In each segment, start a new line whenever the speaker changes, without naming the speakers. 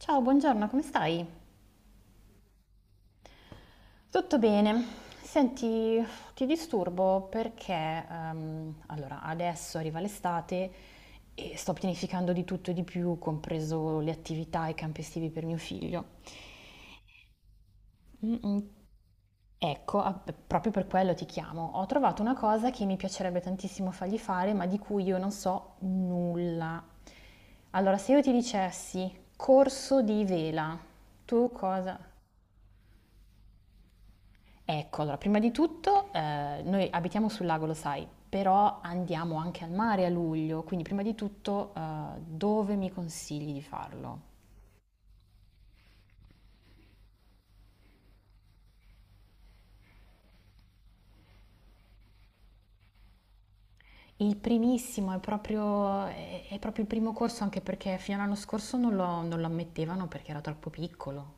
Ciao, buongiorno, come stai? Tutto bene. Senti, ti disturbo perché allora, adesso arriva l'estate e sto pianificando di tutto e di più, compreso le attività e i campi estivi per mio figlio. Mm, mm. Ecco, proprio per quello ti chiamo. Ho trovato una cosa che mi piacerebbe tantissimo fargli fare, ma di cui io non so nulla. Allora, se io ti dicessi corso di vela, tu cosa? Ecco, allora, prima di tutto, noi abitiamo sul lago, lo sai, però andiamo anche al mare a luglio, quindi prima di tutto, dove mi consigli di farlo? Il primissimo è proprio è proprio il primo corso, anche perché fino all'anno scorso non lo ammettevano perché era troppo piccolo.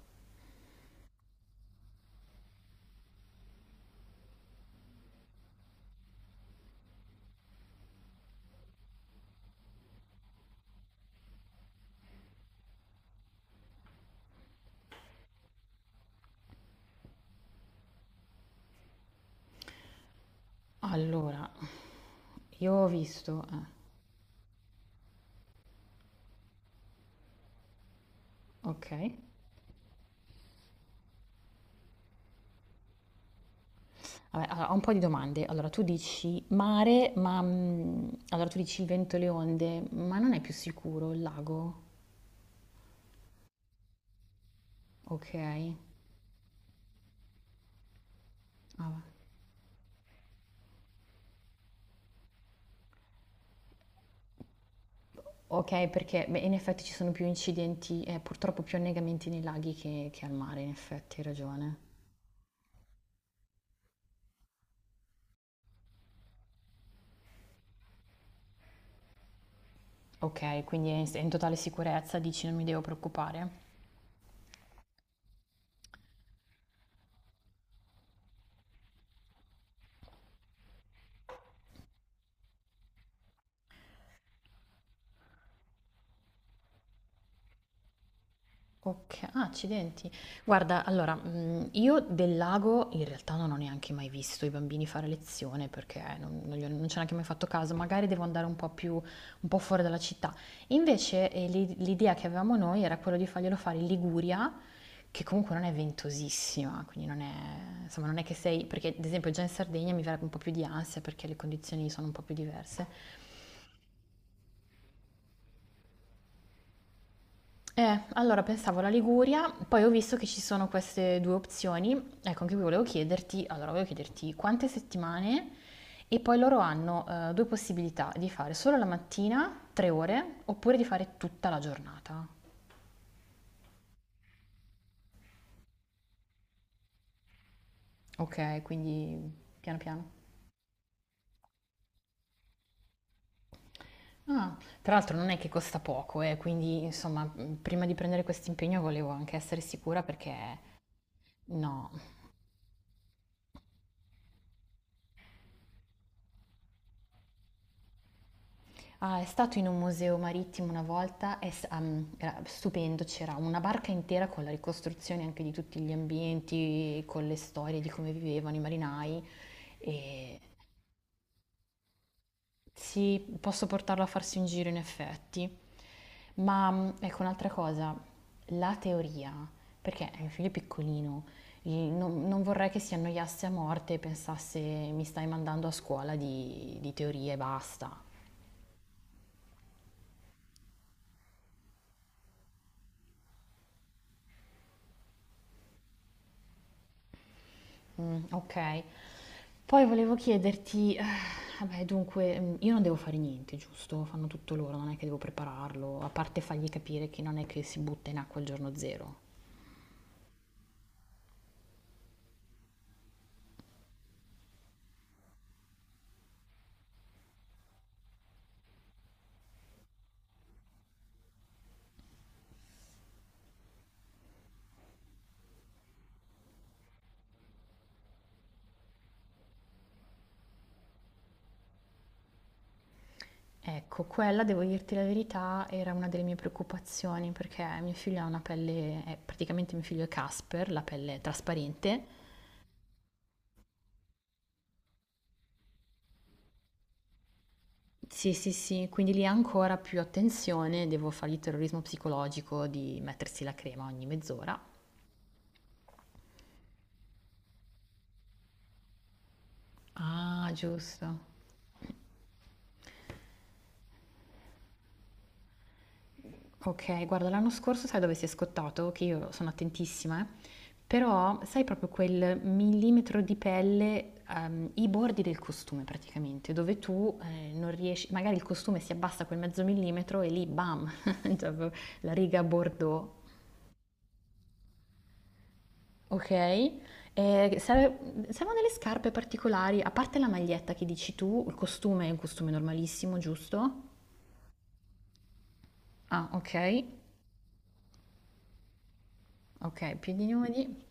Allora, io ho visto okay. Vabbè, allora, ho un po' di domande. Allora, tu dici mare, ma, mhmm, allora tu dici il vento e le onde, ma non è più sicuro il lago? Okay. Ah, va. Ok, perché beh, in effetti ci sono più incidenti e purtroppo più annegamenti nei laghi che al mare, in effetti, hai ragione. Ok, quindi è è in totale sicurezza, dici non mi devo preoccupare? Oka ah, accidenti. Guarda, allora, mhmm, io del lago in realtà non ho neanche mai visto i bambini fare lezione perché non gli ho non ci ho neanche mai fatto caso, magari devo andare un po' fuori dalla città. Invece, l'idea che avevamo noi era quello di farglielo fare in Liguria, che comunque non è ventosissima, quindi non è insomma non è che sei perché ad esempio già in Sardegna mi verrebbe un po' più di ansia perché le condizioni sono un po' più diverse. Allora pensavo alla Liguria, poi ho visto che ci sono queste due opzioni. Ecco, anche qui volevo chiederti, quante settimane e poi loro hanno due possibilità di fare solo la mattina, 3 ore, oppure di fare tutta la giornata. Ok, quindi piano piano. Ah, tra l'altro non è che costa poco, quindi insomma, prima di prendere questo impegno volevo anche essere sicura perché no. Ah, è stato in un museo marittimo una volta, era stupendo, c'era una barca intera con la ricostruzione anche di tutti gli ambienti, con le storie di come vivevano i marinai. E sì, posso portarlo a farsi un giro in effetti. Ma mm, ecco un'altra cosa, la teoria, perché è un figlio è piccolino, non vorrei che si annoiasse a morte e pensasse mi stai mandando a scuola di teoria e basta. Okay. Poi volevo chiederti, vabbè dunque, mhmm, io non devo fare niente, giusto? Fanno tutto loro, non è che devo prepararlo, a parte fargli capire che non è che si butta in acqua il giorno zero. Ecco, quella devo dirti la verità, era una delle mie preoccupazioni perché mio figlio ha una pelle praticamente mio figlio è Casper, la pelle è trasparente. Sì, sì, sì, quindi lì ancora più attenzione, devo fargli terrorismo psicologico di mettersi la crema ogni mezz'ora. Ah, giusto. Okay, guarda l'anno scorso sai dove si è scottato? Che io sono attentissima, però sai proprio quel millimetro di pelle, i bordi del costume praticamente, dove tu non riesci, magari il costume si abbassa quel mezzo millimetro e lì bam, cioè proprio la riga bordeaux. Ok, e serve- servono delle scarpe particolari, a parte la maglietta che dici tu, il costume è un costume normalissimo, giusto? Ah, ok, ok, più di nudi.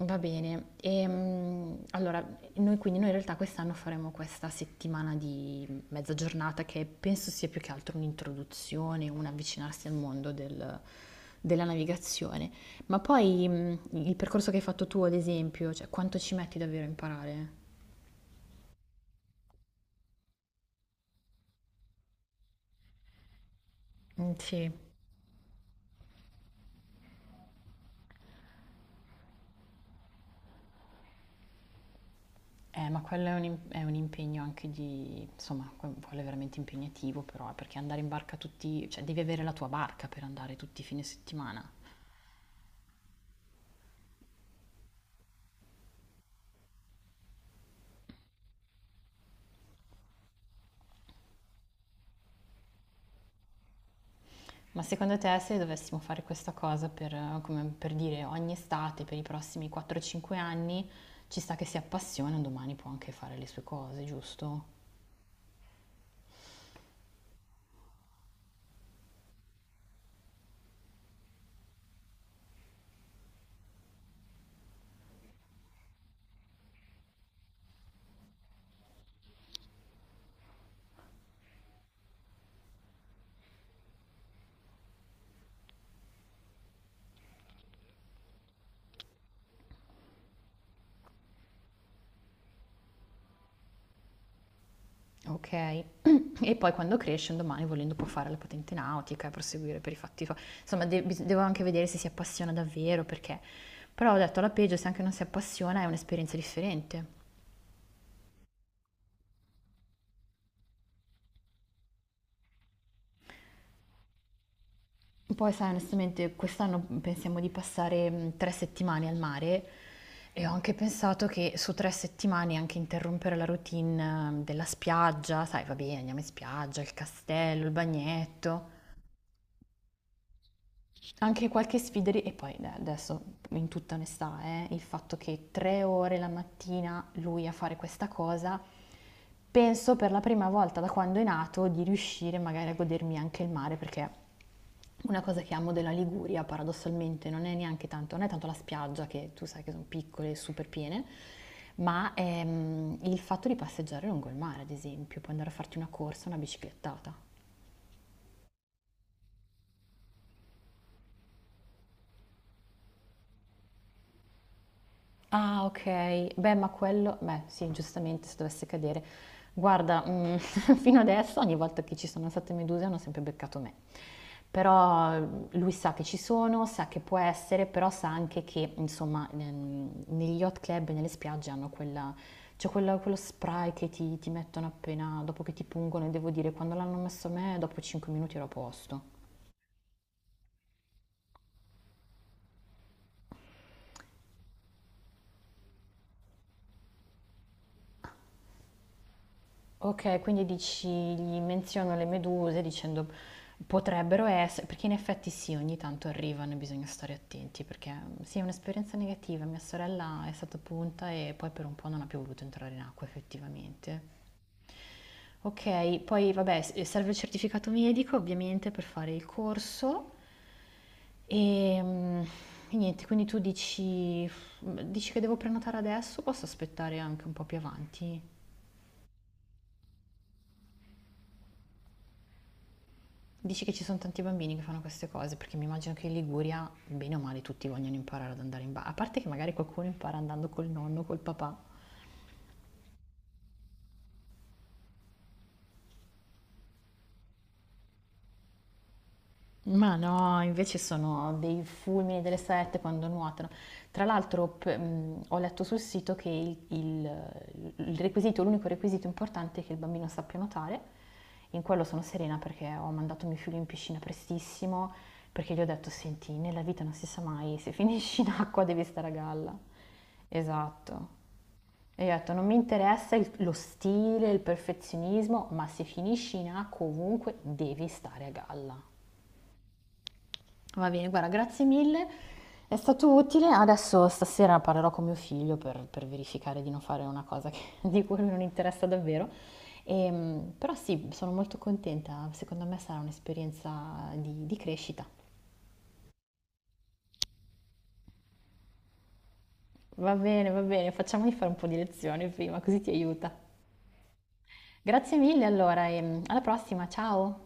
Va bene, allora noi in realtà quest'anno faremo questa settimana di mezza giornata che penso sia più che altro un'introduzione, un avvicinarsi al mondo della navigazione, ma poi il percorso che hai fatto tu ad esempio, cioè quanto ci metti davvero a imparare? Mm, sì. Ma quello è un, è un impegno anche di, insomma, quello è veramente impegnativo però, perché andare in barca tutti, cioè devi avere la tua barca per andare tutti i fine settimana. Ma secondo te se dovessimo fare questa cosa per, come per dire ogni estate, per i prossimi 4-5 anni, ci sta che si appassiona, un domani può anche fare le sue cose, giusto? Ok, e poi quando cresce un domani volendo può fare la patente nautica e proseguire per i fatti suoi. Insomma, devo anche vedere se si appassiona davvero perché... Però ho detto alla peggio, se anche non si appassiona è un'esperienza differente. Poi sai, onestamente, quest'anno pensiamo di passare 3 settimane al mare e ho anche pensato che su 3 settimane anche interrompere la routine della spiaggia, sai, va bene, andiamo in spiaggia, il castello, il bagnetto, anche qualche sfideri, e poi adesso in tutta onestà, il fatto che 3 ore la mattina lui a fare questa cosa, penso per la prima volta da quando è nato di riuscire magari a godermi anche il mare, perché una cosa che amo della Liguria paradossalmente non è neanche tanto, non è tanto la spiaggia, che tu sai che sono piccole e super piene, ma il fatto di passeggiare lungo il mare, ad esempio, puoi andare a farti una corsa, una biciclettata. Ah, okay. Beh, ma quello beh, sì, giustamente se dovesse cadere. Guarda, mhmm, fino adesso ogni volta che ci sono state meduse hanno sempre beccato me. Però, mhmm, lui sa che ci sono, sa che può essere, però sa anche che, insomma, negli yacht club e nelle spiagge hanno quella c'è quella quello spray che ti mettono appena dopo che ti pungono e devo dire, quando l'hanno messo a me dopo 5 minuti ero a posto. Okay, quindi dici gli menziono le meduse dicendo potrebbero esse perché in effetti sì, ogni tanto arrivano e bisogna stare attenti perché, mhmm, sì, è un'esperienza negativa. Mia sorella è stata punta e poi per un po' non ha più voluto entrare in acqua effettivamente. Okay, poi vabbè s serve il certificato medico ovviamente per fare il corso, ehm, e niente, quindi tu dici mm, dici che devo prenotare adesso o posso aspettare anche un po' più avanti? Dici che ci sono tanti bambini che fanno queste cose, perché mi immagino che in Liguria, bene o male, tutti vogliono imparare ad andare in bagno. A parte che magari qualcuno impara andando col nonno, col papà. Ma no, invece sono dei fulmini delle sette quando nuotano. Tra l'altro, ho letto sul sito che il requisito, l'unico requisito importante è che il bambino sappia nuotare. In quello sono serena perché ho mandato mio figlio in piscina prestissimo, perché gli ho detto, senti, nella vita non si sa mai, se finisci in acqua devi stare a galla. Esatto. E gli ho detto, non mi interessa lo stile, il perfezionismo, ma se finisci in acqua ovunque devi stare a galla. Va bene, guarda, grazie mille. È stato utile. Adesso stasera parlerò con mio figlio per verificare di non fare una cosa di cui lui non interessa davvero. Però sì, sono molto contenta. Secondo me sarà un'esperienza di crescita. Va bene, facciamogli fare un po' di lezioni prima, così ti aiuta. Grazie mille allora e alla prossima, ciao!